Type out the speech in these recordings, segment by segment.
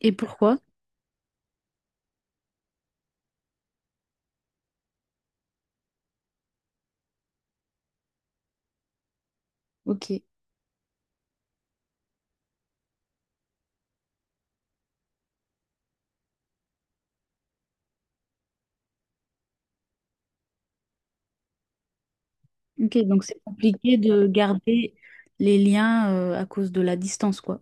Et pourquoi? Ok. Ok, donc c'est compliqué de garder les liens à cause de la distance, quoi.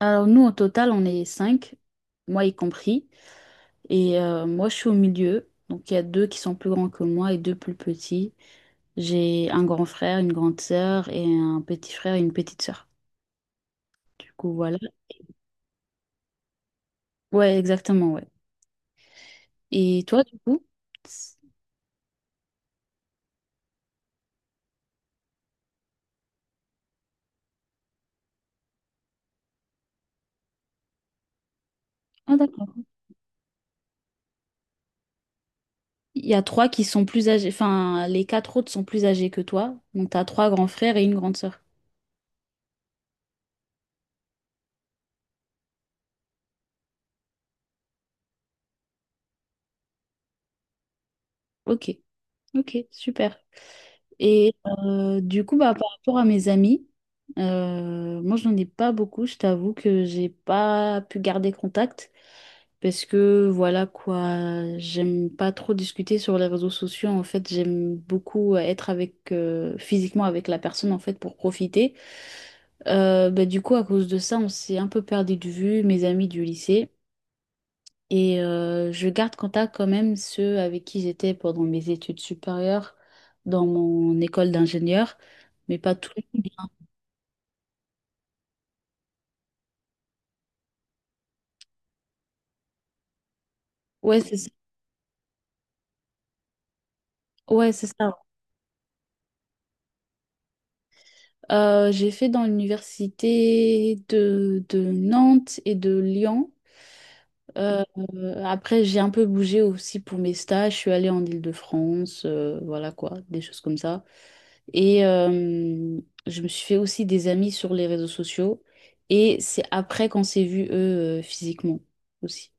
Alors nous, au total, on est cinq, moi y compris, et moi je suis au milieu, donc il y a deux qui sont plus grands que moi et deux plus petits. J'ai un grand frère, une grande sœur et un petit frère et une petite sœur. Du coup, voilà. Ouais, exactement, ouais. Et toi, du coup? Ah, d'accord. Il y a trois qui sont plus âgés, enfin, les quatre autres sont plus âgés que toi, donc t'as trois grands frères et une grande sœur. Ok, ok, super. Et du coup, bah, par rapport à mes amis, moi, j'en ai pas beaucoup. Je t'avoue que j'ai pas pu garder contact parce que voilà quoi, j'aime pas trop discuter sur les réseaux sociaux. En fait, j'aime beaucoup être avec physiquement avec la personne en fait pour profiter. Bah, du coup, à cause de ça, on s'est un peu perdu de vue, mes amis du lycée. Et je garde contact quand même ceux avec qui j'étais pendant mes études supérieures dans mon école d'ingénieur, mais pas tout le monde, hein. Ouais, c'est ça. Ouais, c'est ça. J'ai fait dans l'université de Nantes et de Lyon. Euh, Après, j'ai un peu bougé aussi pour mes stages. Je suis allée en Île-de-France, voilà quoi, des choses comme ça. Et je me suis fait aussi des amis sur les réseaux sociaux. Et c'est après qu'on s'est vus, eux, physiquement aussi.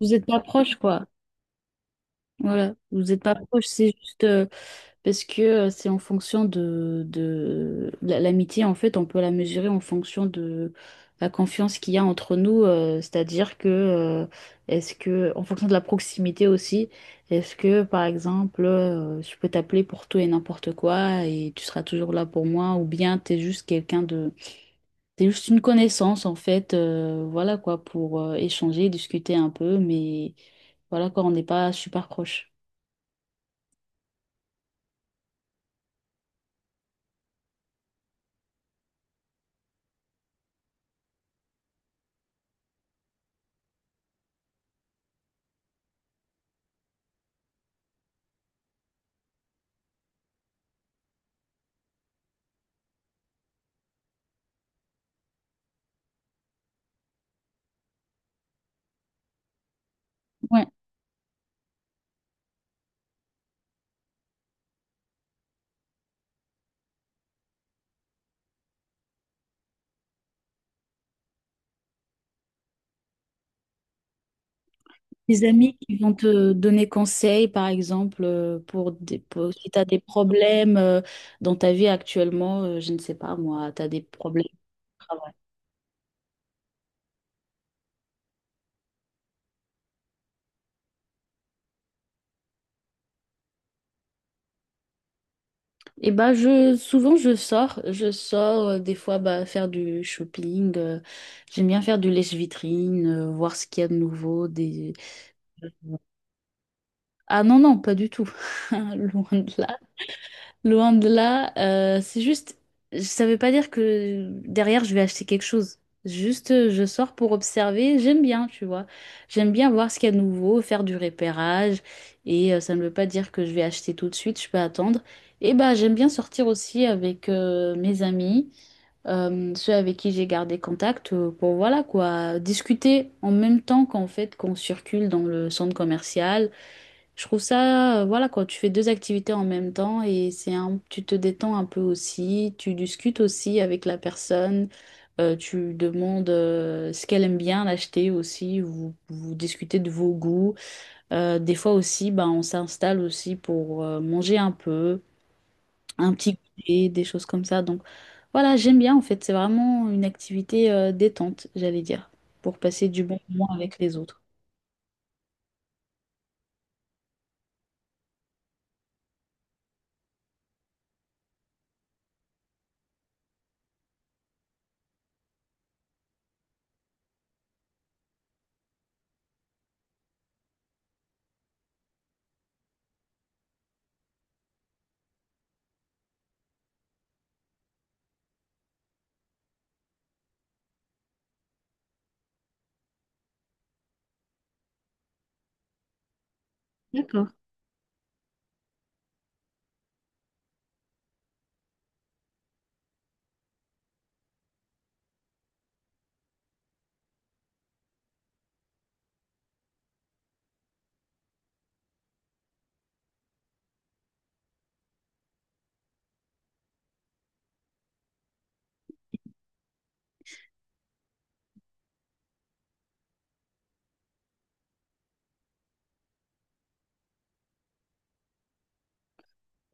Vous êtes pas proches, quoi. Voilà, vous n'êtes pas proche, c'est juste parce que c'est en fonction de la- l'amitié, en fait, on peut la mesurer en fonction de la confiance qu'il y a entre nous, c'est-à-dire que est-ce que, en fonction de la proximité aussi, est-ce que, par exemple, je peux t'appeler pour tout et n'importe quoi et tu seras toujours là pour moi, ou bien t'es juste quelqu'un de... T'es juste une connaissance, en fait, voilà quoi, pour échanger, discuter un peu, mais voilà quoi, on n'est pas super proche. Ouais. Des amis qui vont te donner conseil, par exemple, pour, des, pour- si tu as des problèmes dans ta vie actuellement, je ne sais pas moi, tu as des problèmes au travail. Et bah je souvent je sors des fois bah, faire du shopping, j'aime bien faire du lèche-vitrine, voir ce qu'il y a de nouveau, des... Ah non non, pas du tout. Loin de là. Loin de là, c'est juste, ça veut pas dire que derrière je vais acheter quelque chose. Juste, je sors pour observer. J'aime bien, tu vois. J'aime bien voir ce qu'il y a de nouveau, faire du repérage. Et ça ne veut pas dire que je vais acheter tout de suite, je peux attendre. Et bah, j'aime bien sortir aussi avec mes amis, ceux avec qui j'ai gardé contact, pour voilà quoi, discuter en même temps qu'en fait qu'on circule dans le centre commercial. Je trouve ça, voilà quoi, tu fais deux activités en même temps et c'est un, tu te détends un peu aussi, tu discutes aussi avec la personne, tu demandes ce qu'elle aime bien l'acheter aussi, vous, vous discutez de vos goûts. Des fois aussi, ben, on s'installe aussi pour manger un peu, un petit goûter, des choses comme ça. Donc voilà, j'aime bien en fait, c'est vraiment une activité détente, j'allais dire, pour passer du bon moment avec les autres.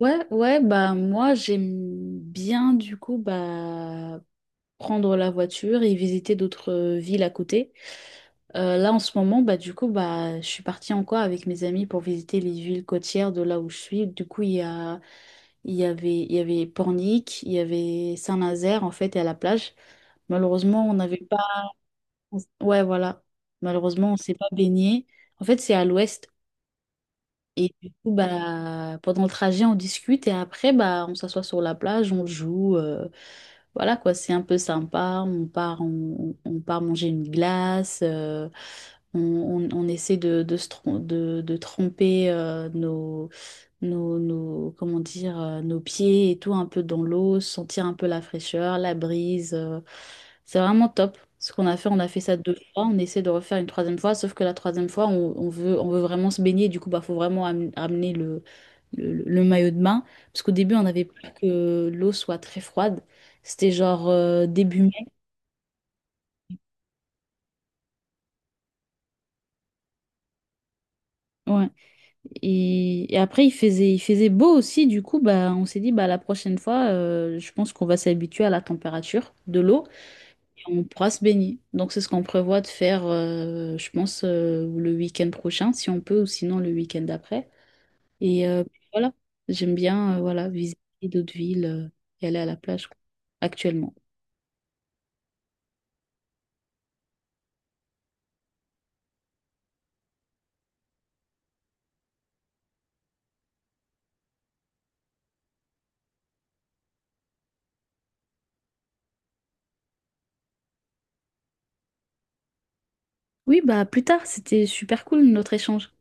Ouais, ouais, bah moi j'aime bien du coup bah prendre la voiture et visiter d'autres villes à côté. Là en ce moment bah du coup bah je suis partie encore avec mes amis pour visiter les villes côtières de là où je suis. Du coup il y a il y avait Pornic, il y avait Saint-Nazaire en fait et à la plage. Malheureusement on n'avait pas... Ouais voilà, malheureusement on s'est pas baigné. En fait c'est à l'ouest. Et du coup, bah, pendant le trajet, on discute et après, bah, on s'assoit sur la plage, on joue. Voilà quoi, c'est un peu sympa. On part manger une glace. On essaie de, se trom- de tremper comment dire, nos pieds et tout un peu dans l'eau, sentir un peu la fraîcheur, la brise. C'est vraiment top. Ce qu'on a fait, on a fait ça deux fois. On essaie de refaire une troisième fois, sauf que la troisième fois, on veut vraiment se baigner. Du coup, bah, faut vraiment am- amener le maillot de bain. Parce qu'au début, on avait peur que l'eau soit très froide. C'était genre début mai. Ouais. Et après, il faisait beau aussi. Du coup, bah, on s'est dit, bah, la prochaine fois, je pense qu'on va s'habituer à la température de l'eau et on pourra se baigner. Donc, c'est ce qu'on prévoit de faire, je pense, le week-end prochain, si on peut, ou sinon le week-end d'après. Et voilà, j'aime bien voilà, visiter d'autres villes et aller à la plage quoi, actuellement. Oui, bah plus tard, c'était super cool notre échange.